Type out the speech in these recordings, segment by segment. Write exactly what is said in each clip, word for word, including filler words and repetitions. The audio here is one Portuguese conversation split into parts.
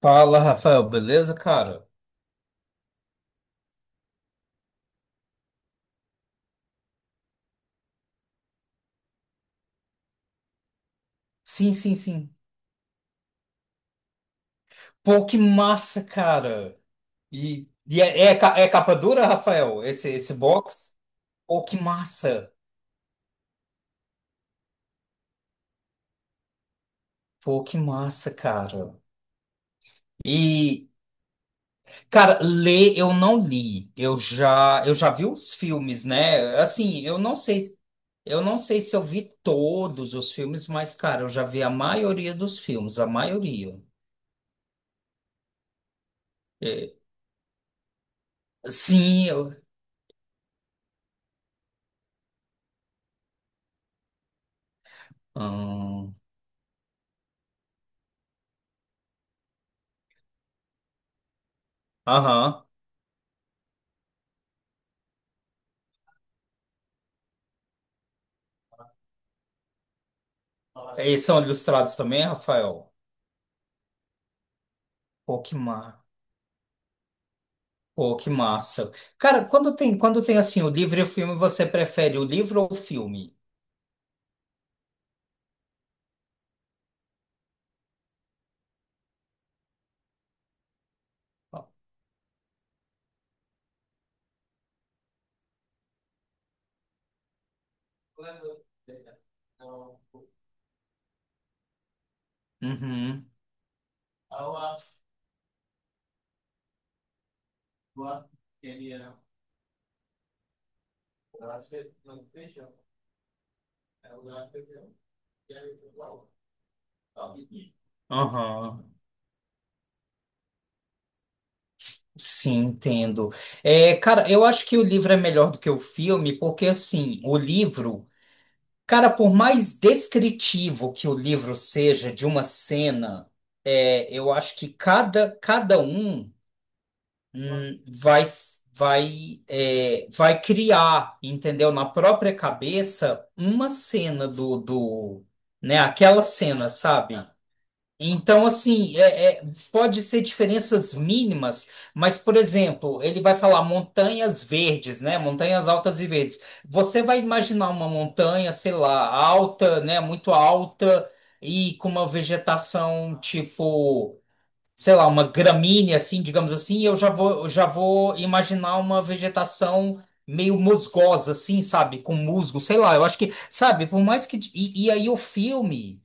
Fala, Rafael, beleza, cara? Sim, sim, sim. Pô, que massa, cara. E, e, é, é, ca- é capa dura, Rafael, esse, esse box? Pô, que massa. Pô, que massa, cara. E, cara, ler eu não li. Eu já, eu já vi os filmes, né? Assim, eu não sei, eu não sei se eu vi todos os filmes, mas, cara, eu já vi a maioria dos filmes, a maioria. É, sim, eu... Hum, Aham. Eles são ilustrados também, Rafael? Pô, que ma... Pô, que massa. Cara, quando tem, quando tem assim o livro e o filme, você prefere o livro ou o filme? Uhum, aham. Sim, entendo. É, cara, eu acho que o livro é melhor do que o filme, porque assim, o livro, cara, por mais descritivo que o livro seja de uma cena, é, eu acho que cada, cada um. hum, vai, vai, é, vai criar, entendeu? Na própria cabeça, uma cena do, do, né? Aquela cena, sabe? Então, assim, é, é, pode ser diferenças mínimas, mas, por exemplo, ele vai falar montanhas verdes, né? Montanhas altas e verdes. Você vai imaginar uma montanha, sei lá, alta, né? Muito alta e com uma vegetação tipo sei lá, uma gramínea assim, digamos assim, eu já vou, eu já vou imaginar uma vegetação meio musgosa assim, sabe, com musgo, sei lá, eu acho que, sabe, por mais que e, e aí o filme,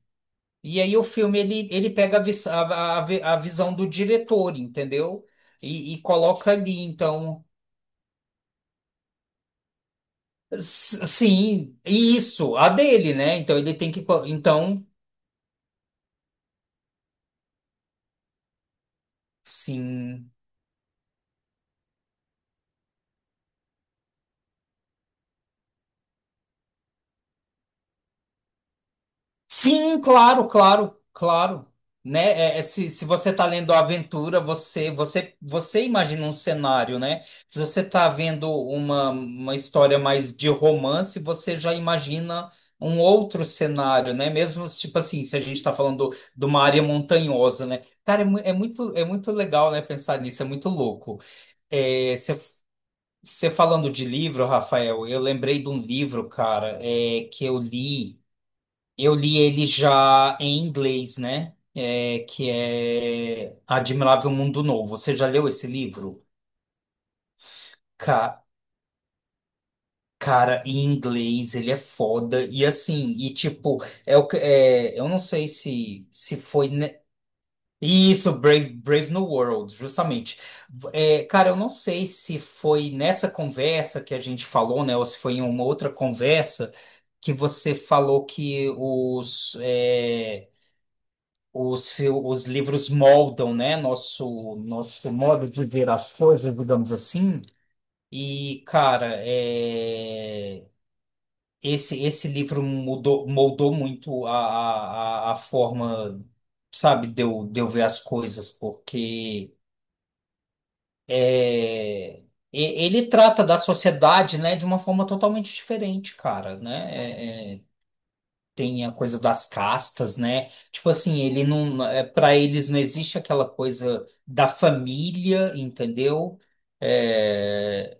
e aí o filme, ele, ele pega a, vis- a, a, vi- a visão do diretor, entendeu? E, e coloca ali, então. S- sim, e isso, a dele, né? Então ele tem que, co- então, sim. Sim, claro, claro, claro. Né? É, é, se, se você está lendo a aventura, você, você, você imagina um cenário, né? Se você está vendo uma, uma história mais de romance, você já imagina um outro cenário, né? Mesmo, tipo assim, se a gente está falando de uma área montanhosa, né? Cara, é, mu- é muito, é muito legal, né, pensar nisso, é muito louco. É, você você falando de livro, Rafael, eu lembrei de um livro, cara, é, que eu li. Eu li ele já em inglês, né? É, que é Admirável Mundo Novo. Você já leu esse livro? Ca- cara, em inglês ele é foda. E assim, e tipo, é, o que- é, eu não sei se, se foi. ne- Isso, Brave, Brave New World, justamente. É, cara, eu não sei se foi nessa conversa que a gente falou, né? Ou se foi em uma outra conversa que você falou que os. É, Os, fil- os livros moldam, né, nosso, nosso modo de ver as coisas, digamos assim. E, cara, é, esse, esse livro mudou, moldou muito a, a, a a forma, sabe, de eu, de eu ver as coisas, porque é, e- ele trata da sociedade, né, de uma forma totalmente diferente, cara, né? É, é, tem a coisa das castas, né? Tipo assim, ele não, é, para eles não existe aquela coisa da família, entendeu? É,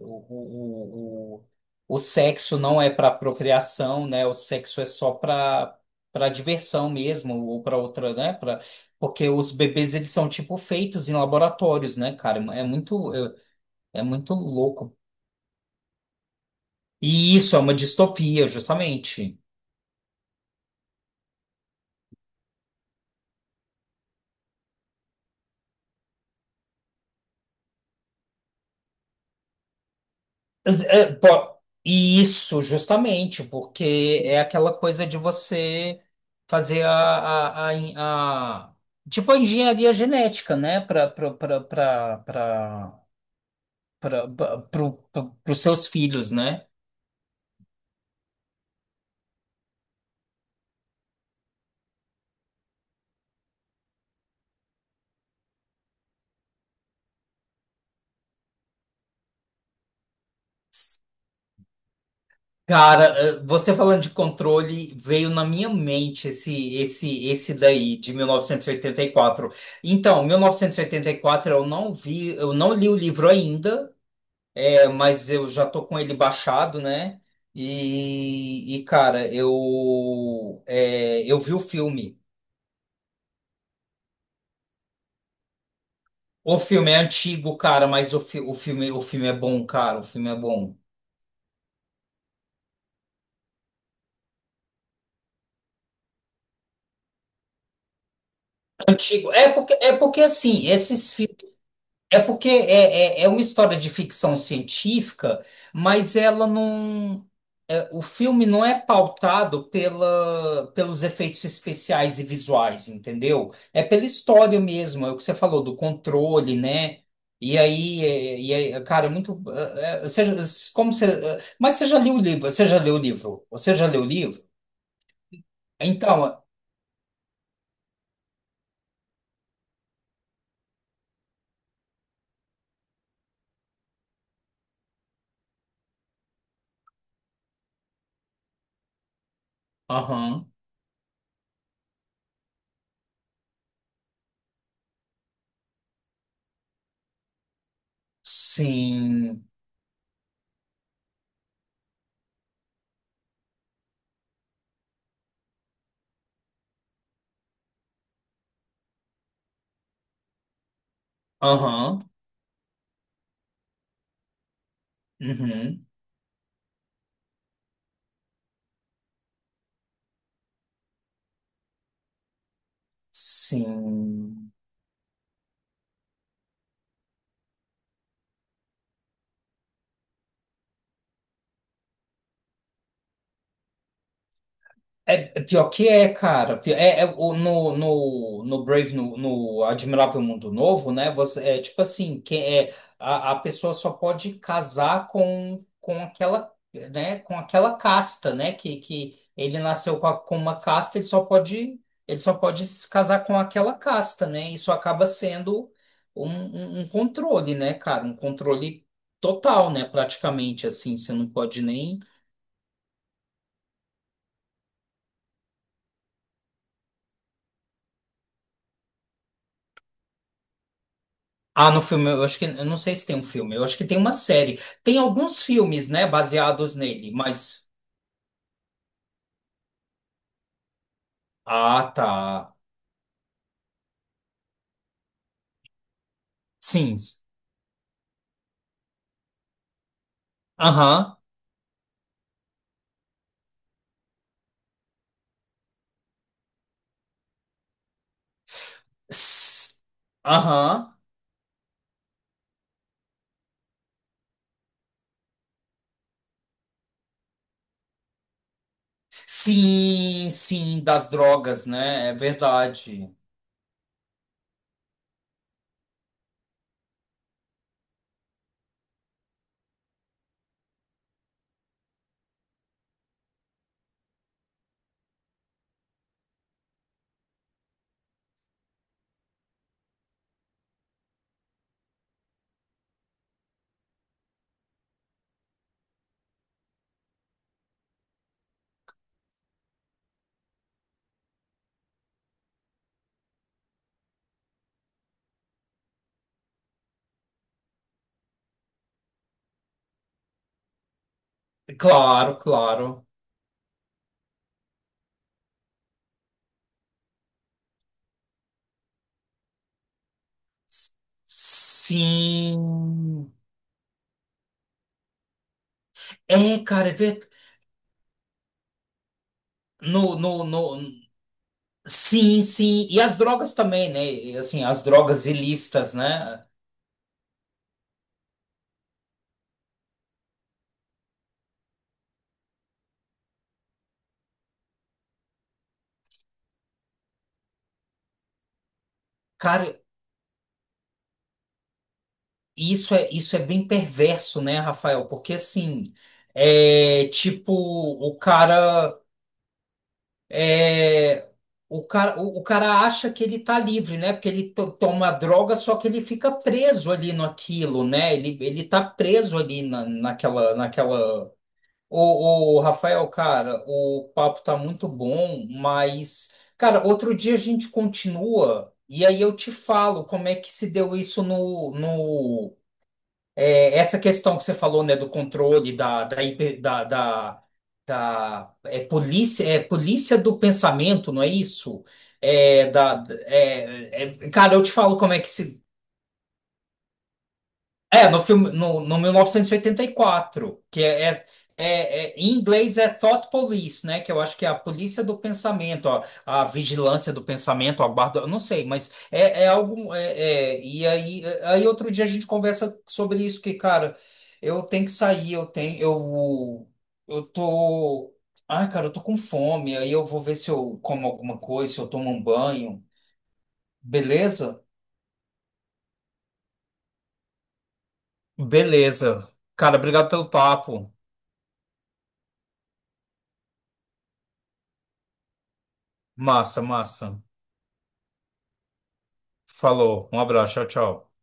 o, o, o, o sexo não é para procriação, né? O sexo é só para para diversão mesmo ou para outra, né? Para porque os bebês eles são tipo feitos em laboratórios, né, cara? É muito é, é muito louco. E isso é uma distopia, justamente. É, po- Isso, justamente, porque é aquela coisa de você fazer a, a, a, en- a- tipo a engenharia genética, né, para para os seus filhos, né? Cara, eh, você falando de controle, veio na minha mente esse esse esse daí de mil novecentos e e oitenta e quatro. Então, mil novecentos e e oitenta e quatro eu não vi, eu não li o livro ainda. É, mas eu já tô com ele baixado, né? E, e, cara, eu é, eu vi o filme. O filme é antigo, cara, mas o, fi- o filme o filme é bom, cara. O filme é bom. Antigo. É porque é porque assim, esses É porque é, é, é uma história de ficção científica, mas ela não. É, o filme não é pautado pela, pelos efeitos especiais e visuais, entendeu? É pela história mesmo, é o que você falou do controle, né? E aí, é- e aí, cara, é muito. É, é, você já- como você, é, mas você já leu o livro? Você já leu o livro? Você já leu o livro? Então, é- aham, sim, aham, uhum, sim. É, é pior que é, cara. Pi- É, é o- no, no, no Brave, no, no Admirável Mundo Novo, né? Você, é tipo assim, que é, a, a pessoa só pode casar com, com aquela, né? Com aquela casta, né? Que, que ele nasceu com, a- com uma casta, ele só pode, ele só pode se casar com aquela casta, né? Isso acaba sendo um, um, um controle, né, cara? Um controle total, né? Praticamente assim, você não pode nem. Ah, no filme, eu acho que, eu não sei se tem um filme, eu acho que tem uma série. Tem alguns filmes, né, baseados nele, mas. Ah, tá. Sim. Aham. S- Aham. Sim, sim, das drogas, né? É verdade. Claro, claro. S- Sim. É, cara, é verdade. No, no, no... Sim, sim. E, as drogas também, né? E, assim, as drogas ilícitas, né? Cara, Isso é, isso é bem perverso, né, Rafael? Porque assim, é tipo, o cara é o cara, o, o cara acha que ele tá livre, né? Porque ele to- toma droga, só que ele fica preso ali naquilo, né? Ele, ele tá preso ali na, naquela, naquela. Ô, ô, Rafael, cara, o papo tá muito bom, mas, cara, outro dia a gente continua e aí eu te falo como é que se deu isso. no, no é, Essa questão que você falou, né, do controle da, da, hiper- da, da, da- é, polícia, é polícia do pensamento, não é isso? É, da, é, é- cara, eu te falo como é que se, é, no filme, no, no mil novecentos e oitenta e quatro, que é, é, é- é- em inglês é Thought Police, né? Que eu acho que é a polícia do pensamento, ó, a vigilância do pensamento, a guarda, eu não sei, mas é, é algo. é- é, e aí, aí outro dia a gente conversa sobre isso, que, cara, eu tenho que sair, eu tenho, eu, eu tô. Ai, cara, eu tô com fome, aí eu vou ver se eu como alguma coisa, se eu tomo um banho. Beleza? Beleza. Cara, obrigado pelo papo. Massa, massa. Falou. Um abraço. Tchau, tchau.